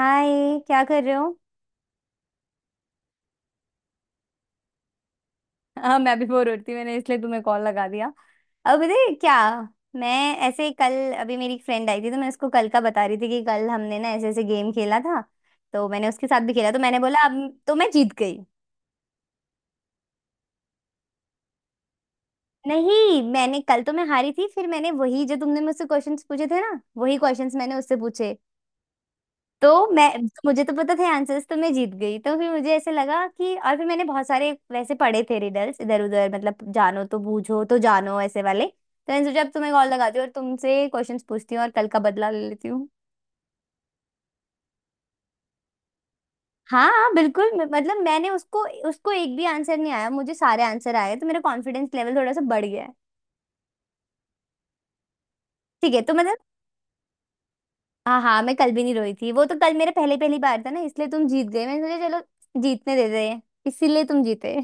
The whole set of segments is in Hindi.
हाय। क्या कर रहे हो। हाँ, मैं भी बोर हो रही थी मैंने इसलिए तुम्हें कॉल लगा दिया। अब पता है क्या। मैं ऐसे ही कल। अभी मेरी एक फ्रेंड आई थी तो मैं उसको कल का बता रही थी कि कल हमने ना ऐसे ऐसे गेम खेला था। तो मैंने उसके साथ भी खेला तो मैंने बोला अब तो मैं जीत गई। नहीं, मैंने कल तो मैं हारी थी फिर मैंने वही जो तुमने मुझसे क्वेश्चंस पूछे थे ना वही क्वेश्चंस मैंने उससे पूछे। तो मैं मुझे तो पता थे आंसर्स तो मैं जीत गई तो फिर मुझे ऐसे लगा कि और फिर मैंने बहुत सारे वैसे पढ़े थे रिडल्स इधर उधर मतलब जानो तो बूझो तो जानो ऐसे वाले तो मैंने सोचा अब तुम्हें कॉल लगाती हूँ और तुमसे क्वेश्चंस पूछती हूँ और कल का बदला ले लेती हूँ। हाँ हाँ, बिल्कुल मतलब मैंने उसको उसको एक भी आंसर नहीं आया मुझे सारे आंसर आए तो मेरा कॉन्फिडेंस लेवल थोड़ा सा बढ़ गया है। ठीक है तो मतलब। हाँ हाँ, मैं कल भी नहीं रोई थी वो तो कल मेरा पहले पहली बार था ना इसलिए तुम जीत गए मैंने सोचा चलो जीतने देते हैं इसीलिए तुम जीते।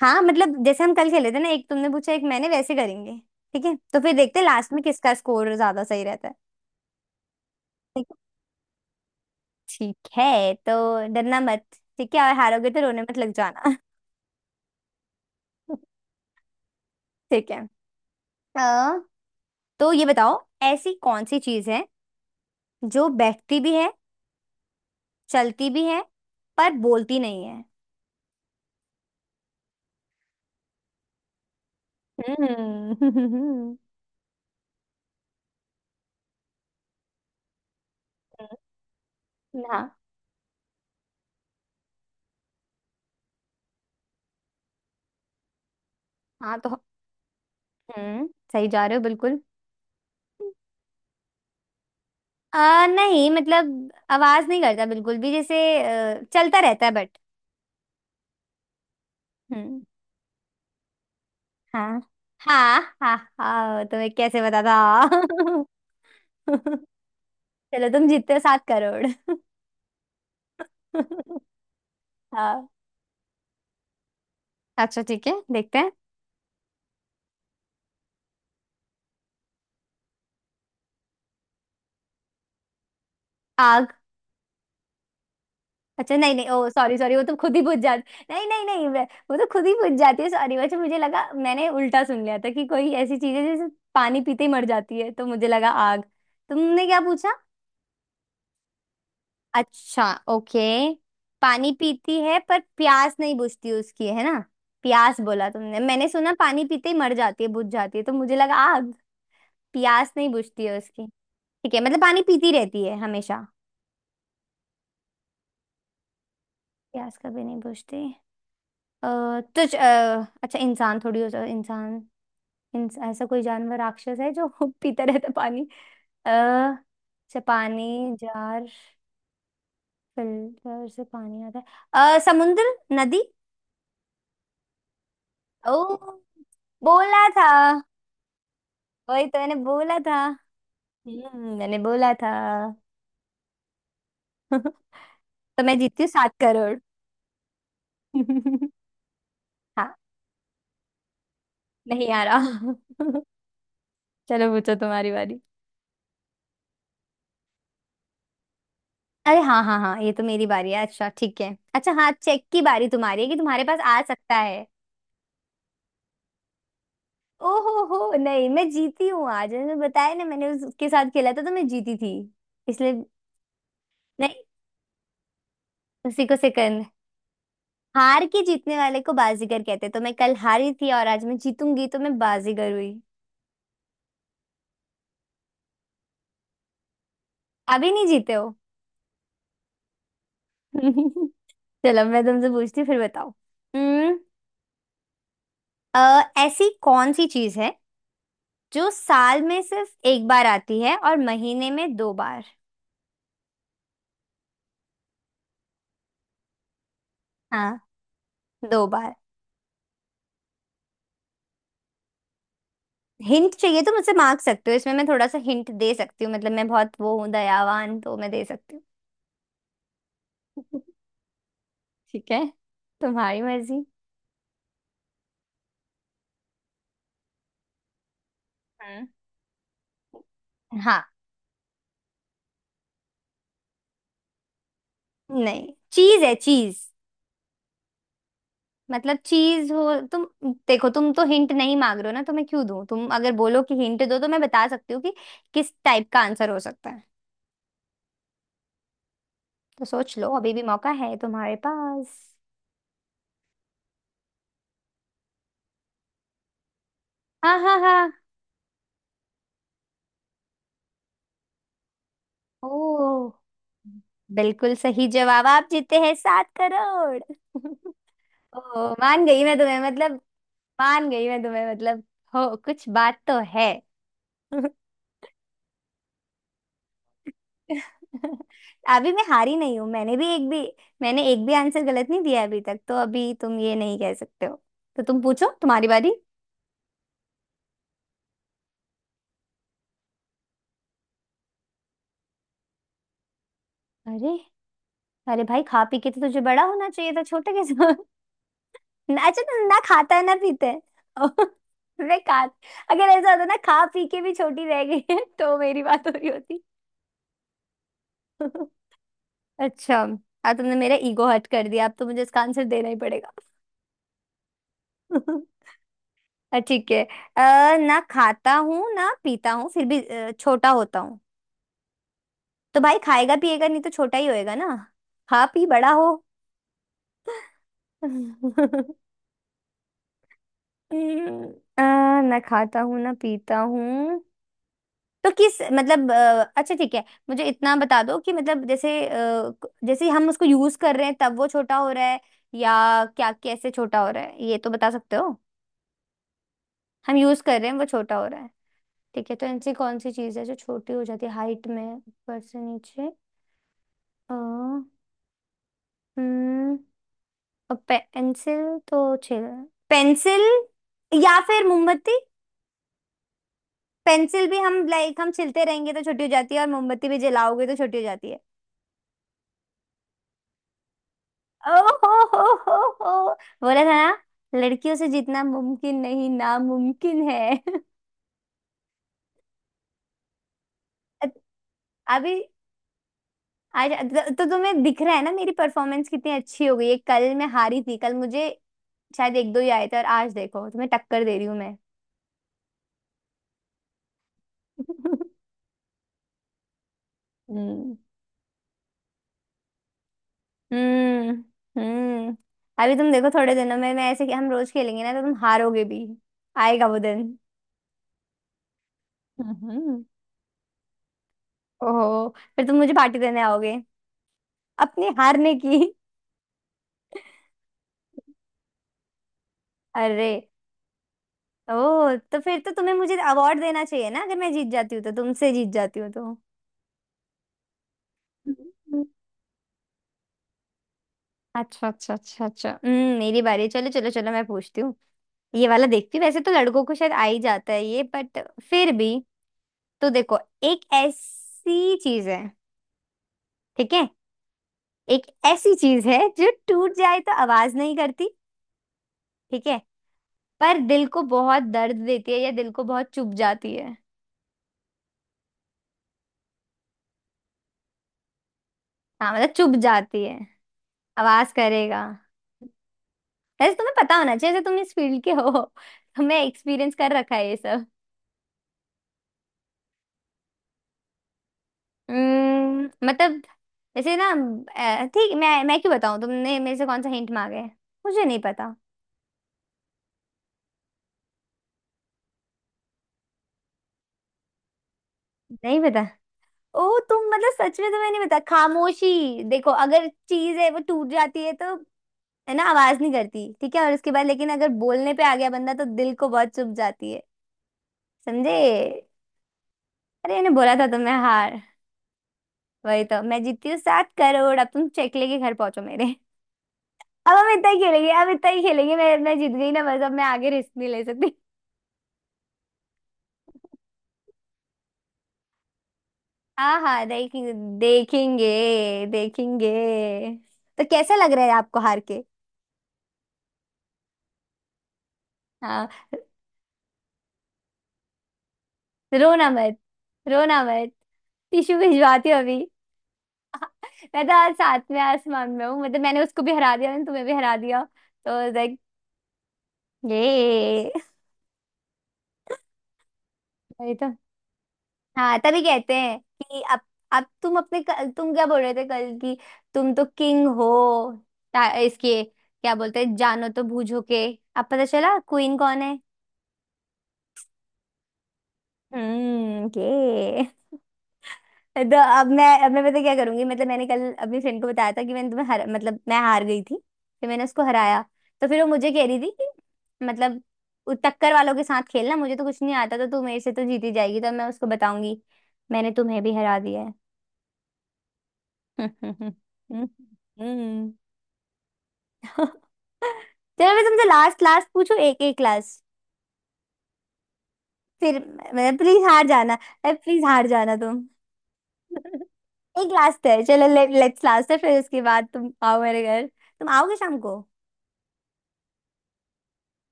हाँ मतलब जैसे हम कल खेले थे ना एक तुमने पूछा एक मैंने वैसे करेंगे। ठीक है तो फिर देखते हैं लास्ट में किसका स्कोर ज्यादा सही रहता है। ठीक है। ठीक है, तो डरना मत। ठीक है और हारोगे तो रोने मत लग जाना। ठीक है। अ, तो ये बताओ ऐसी कौन सी चीज है जो बैठती भी है चलती भी है पर बोलती नहीं है। हम्म। हाँ हाँ। तो हम्म सही जा रहे हो बिल्कुल। नहीं मतलब आवाज नहीं करता बिल्कुल भी, जैसे चलता रहता है बट। हम्म। हाँ हाँ हाँ हाँ, तुम्हें कैसे पता था। चलो तुम जीतते हो 7 करोड़। हाँ। अच्छा ठीक है, देखते हैं। आग। अच्छा नहीं नहीं, ओ सॉरी सॉरी, वो तो खुद ही बुझ जाती, नहीं नहीं नहीं, वो तो खुद ही बुझ जाती है, सॉरी। अच्छा मुझे लगा मैंने उल्टा सुन लिया था कि कोई ऐसी चीज है जैसे पानी पीते ही मर जाती है तो मुझे लगा आग। तुमने क्या पूछा। अच्छा। ओके। पानी पीती है पर प्यास नहीं बुझती उसकी, है ना। प्यास बोला तुमने, मैंने सुना पानी पीते ही मर जाती है, बुझ जाती है तो मुझे लगा आग। प्यास नहीं बुझती है उसकी। ठीक है, मतलब पानी पीती रहती है हमेशा। प्यास कभी नहीं बुझती। अ, तो अच्छा इंसान थोड़ी हो सकता, इंसान। ऐसा कोई जानवर राक्षस है जो पीता रहता पानी। अच्छा पानी जार। फिल्टर से पानी आता है। समुद्र, नदी। ओ। बोला था। वही तो मैंने बोला था। हम्म, मैंने बोला था। तो मैं जीतती हूँ 7 करोड़। हाँ। नहीं आ रहा। चलो पूछो तुम्हारी बारी। अरे हाँ हाँ हाँ, ये तो मेरी बारी है, अच्छा ठीक है, अच्छा हाँ चेक की बारी तुम्हारी है कि तुम्हारे पास आ सकता है। ओहो हो नहीं, मैं जीती हूँ आज, मैंने बताया ना मैंने उसके साथ खेला था तो मैं जीती थी इसलिए। नहीं। उसी को सेकंड, हार के जीतने वाले को बाजीगर कहते हैं, तो मैं कल हारी थी और आज मैं जीतूंगी तो मैं बाजीगर हुई। अभी नहीं जीते हो। चलो मैं तुमसे पूछती हूँ, फिर बताओ। हम्म। ऐसी कौन सी चीज है जो साल में सिर्फ एक बार आती है और महीने में दो बार। हाँ, दो बार। हिंट चाहिए तो मुझसे मांग सकते हो, इसमें मैं थोड़ा सा हिंट दे सकती हूँ, मतलब मैं बहुत वो हूँ दयावान, तो मैं दे सकती हूँ। ठीक है, तुम्हारी मर्जी। हम्म। हाँ। नहीं, चीज है, चीज। मतलब चीज हो तुम। देखो तुम तो हिंट नहीं मांग रहे हो ना, तो मैं क्यों दूं, तुम अगर बोलो कि हिंट दो तो मैं बता सकती हूँ कि किस टाइप का आंसर हो सकता है। तो सोच लो, अभी भी मौका है तुम्हारे पास। हाँ हाँ हाँ। ओ बिल्कुल सही जवाब, आप जीते हैं 7 करोड़। ओ मान गई मैं तुम्हें मतलब, मान गई मैं तुम्हें मतलब, हो कुछ बात तो है। अभी मैं हारी नहीं हूं, मैंने भी एक भी, मैंने एक भी आंसर गलत नहीं दिया अभी तक, तो अभी तुम ये नहीं कह सकते हो। तो तुम पूछो, तुम्हारी बारी। अरे, अरे भाई खा पी के तो तुझे बड़ा होना चाहिए था, छोटे कैसे हो? अच्छा तुम ना खाता है ना पीते है। मैं खा। अगर ऐसा होता ना, खा पी के भी छोटी रह गई है तो मेरी बात हो रही होती। अच्छा। अब तुमने मेरा ईगो हर्ट कर दिया, अब तो मुझे इसका आंसर देना ही पड़ेगा। ठीक है। ना खाता हूँ ना पीता हूँ फिर भी छोटा होता हूँ। तो भाई खाएगा पिएगा नहीं तो छोटा ही होएगा ना, खा पी बड़ा हो। हम्म, अ, ना खाता हूँ ना पीता हूँ, तो किस मतलब, अच्छा ठीक है, मुझे इतना बता दो कि मतलब जैसे जैसे हम उसको यूज कर रहे हैं तब वो छोटा हो रहा है, या क्या, कैसे छोटा हो रहा है, ये तो बता सकते हो। हम यूज कर रहे हैं वो छोटा हो रहा है, ठीक है, तो ऐसी कौन सी चीज है जो छोटी हो जाती है हाइट में, ऊपर से नीचे। अ, हम्म और पेंसिल तो छिल पेंसिल, या फिर मोमबत्ती। पेंसिल भी हम, लाइक, हम छिलते रहेंगे तो छोटी हो जाती है और मोमबत्ती भी जलाओगे तो छोटी हो जाती है। ओहो हो हो। बोला था ना लड़कियों से जितना मुमकिन नहीं नामुमकिन है। अभी, आज तो तुम्हें दिख रहा है ना मेरी परफॉर्मेंस कितनी अच्छी हो गई है, कल मैं हारी थी, कल मुझे शायद एक दो ही आए थे और आज देखो तुम्हें टक्कर दे रही हूँ मैं। हम्म हम्म हम्म। अभी तुम देखो थोड़े दिनों में मैं ऐसे, हम रोज खेलेंगे ना तो तुम हारोगे भी, आएगा वो दिन। हम्म। ओहो, फिर तुम मुझे पार्टी देने आओगे अपने हारने की। अरे, ओ तो फिर तो तुम्हें मुझे अवार्ड देना चाहिए ना, अगर मैं जीत जाती हूँ, तो तुमसे जीत जाती हूँ तो। हम्म। अच्छा अच्छा अच्छा अच्छा, मेरी बारी है। चलो चलो चलो, मैं पूछती हूँ। ये वाला देखती हूँ, वैसे तो लड़कों को शायद आ ही जाता है ये, बट फिर भी। तो देखो, एक ऐसी चीज है, ठीक है, एक ऐसी चीज है जो टूट जाए तो आवाज नहीं करती, ठीक है, पर दिल को बहुत दर्द देती है या दिल को बहुत चुभ जाती है। हाँ मतलब चुभ जाती है। आवाज करेगा, वैसे तुम्हें पता होना चाहिए जैसे तुम इस फील्ड के हो, तुम्हें एक्सपीरियंस कर रखा है ये सब। मतलब जैसे ना, ठीक, मैं क्यों बताऊं, तुमने मेरे से कौन सा हिंट मांगा है, मुझे नहीं पता। नहीं पता। ओ तुम मतलब सच में तुम्हें नहीं पता, खामोशी। देखो अगर चीज है वो टूट जाती है तो, है ना, आवाज नहीं करती, ठीक है, और उसके बाद लेकिन अगर बोलने पे आ गया बंदा तो दिल को बहुत चुभ जाती है, समझे। अरे मैंने बोला था तुम्हें, हार, वही तो, मैं जीतती हूँ सात करोड़, अब तुम चेक लेके घर पहुंचो मेरे। अब हम इतना ही खेलेंगे, अब इतना ही खेलेंगे, मैं जीत गई ना बस, अब मैं आगे रिस्क नहीं ले सकती। हाँ हाँ, देखेंगे, देखेंगे, देखेंगे। तो कैसा लग रहा है आपको हार के। हाँ। रोना मत, रोना मत, टिश्यू भिजवाती हूँ अभी। मैं तो आज सातवें आसमान में हूँ, मतलब मैंने उसको भी हरा दिया, मैंने तुम्हें भी हरा दिया, तो लाइक ये। वही तो, हाँ तभी कहते हैं कि अब। अब तुम क्या बोल रहे थे कल की, तुम तो किंग हो, इसके क्या बोलते हैं, जानो तो बूझो के, अब पता चला क्वीन कौन है। हम्म। ये तो, अब मैं, पता क्या करूंगी, मतलब मैंने कल अपनी फ्रेंड को बताया था कि मैंने तुम्हें हर मतलब मैं हार गई थी, फिर मैंने उसको हराया। तो फिर वो मुझे कह रही थी कि मतलब टक्कर वालों के साथ खेलना मुझे तो कुछ नहीं आता, तो तू मेरे से तो जीती जाएगी, तो मैं उसको बताऊंगी मैंने तुम्हें भी हरा दिया है। हम्म। चलो मैं तुमसे लास्ट लास्ट पूछू एक एक क्लास। फिर मतलब प्लीज हार जाना, प्लीज हार जाना तुम। एक लास्ट है, चलो लेट्स, लास्ट है फिर उसके बाद तुम आओ मेरे घर। तुम आओगे शाम को।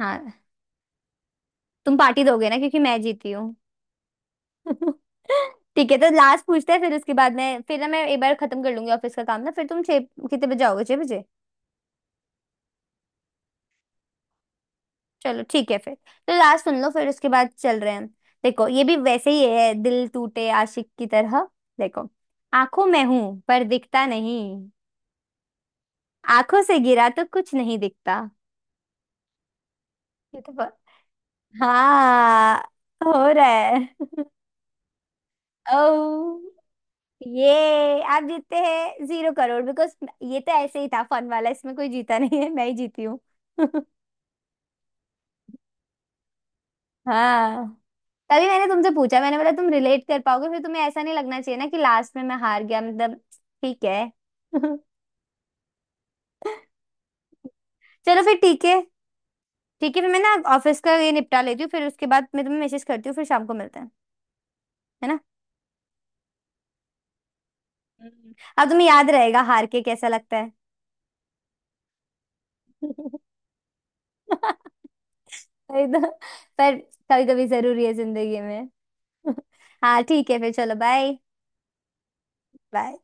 हाँ, तुम पार्टी दोगे ना, क्योंकि मैं जीती हूँ। ठीक है तो लास्ट पूछते हैं, फिर उसके बाद मैं, फिर ना मैं एक बार खत्म कर लूंगी ऑफिस का काम ना, फिर तुम, छह कितने बजे आओगे, 6 बजे। चलो ठीक है फिर। तो लास्ट सुन लो, फिर उसके बाद चल रहे हैं हम। देखो ये भी वैसे ही है दिल टूटे आशिक की तरह। देखो, आंखों में हूं पर दिखता नहीं, आंखों से गिरा तो कुछ नहीं दिखता। ये तो ब- हाँ, हो रहा है। ओ, ये आप जीतते हैं 0 करोड़, बिकॉज ये तो ऐसे ही था फन वाला, इसमें कोई जीता नहीं है, मैं ही जीती हूँ। हाँ, तभी मैंने तुमसे पूछा, मैंने बोला तुम रिलेट कर पाओगे, फिर तुम्हें ऐसा नहीं लगना चाहिए ना कि लास्ट में मैं हार गया, मतलब ठीक है। चलो फिर, ठीक है, ठीक है फिर मैं ना ऑफिस का ये निपटा लेती हूँ, फिर उसके बाद मैं तुम्हें मैसेज करती हूँ, फिर शाम को मिलते हैं, है ना। हम्म। अब तुम्हें याद रहेगा हार के कैसा लगता है। वही तो, पर कभी कभी जरूरी है जिंदगी में। हाँ ठीक है फिर, चलो बाय, बाय।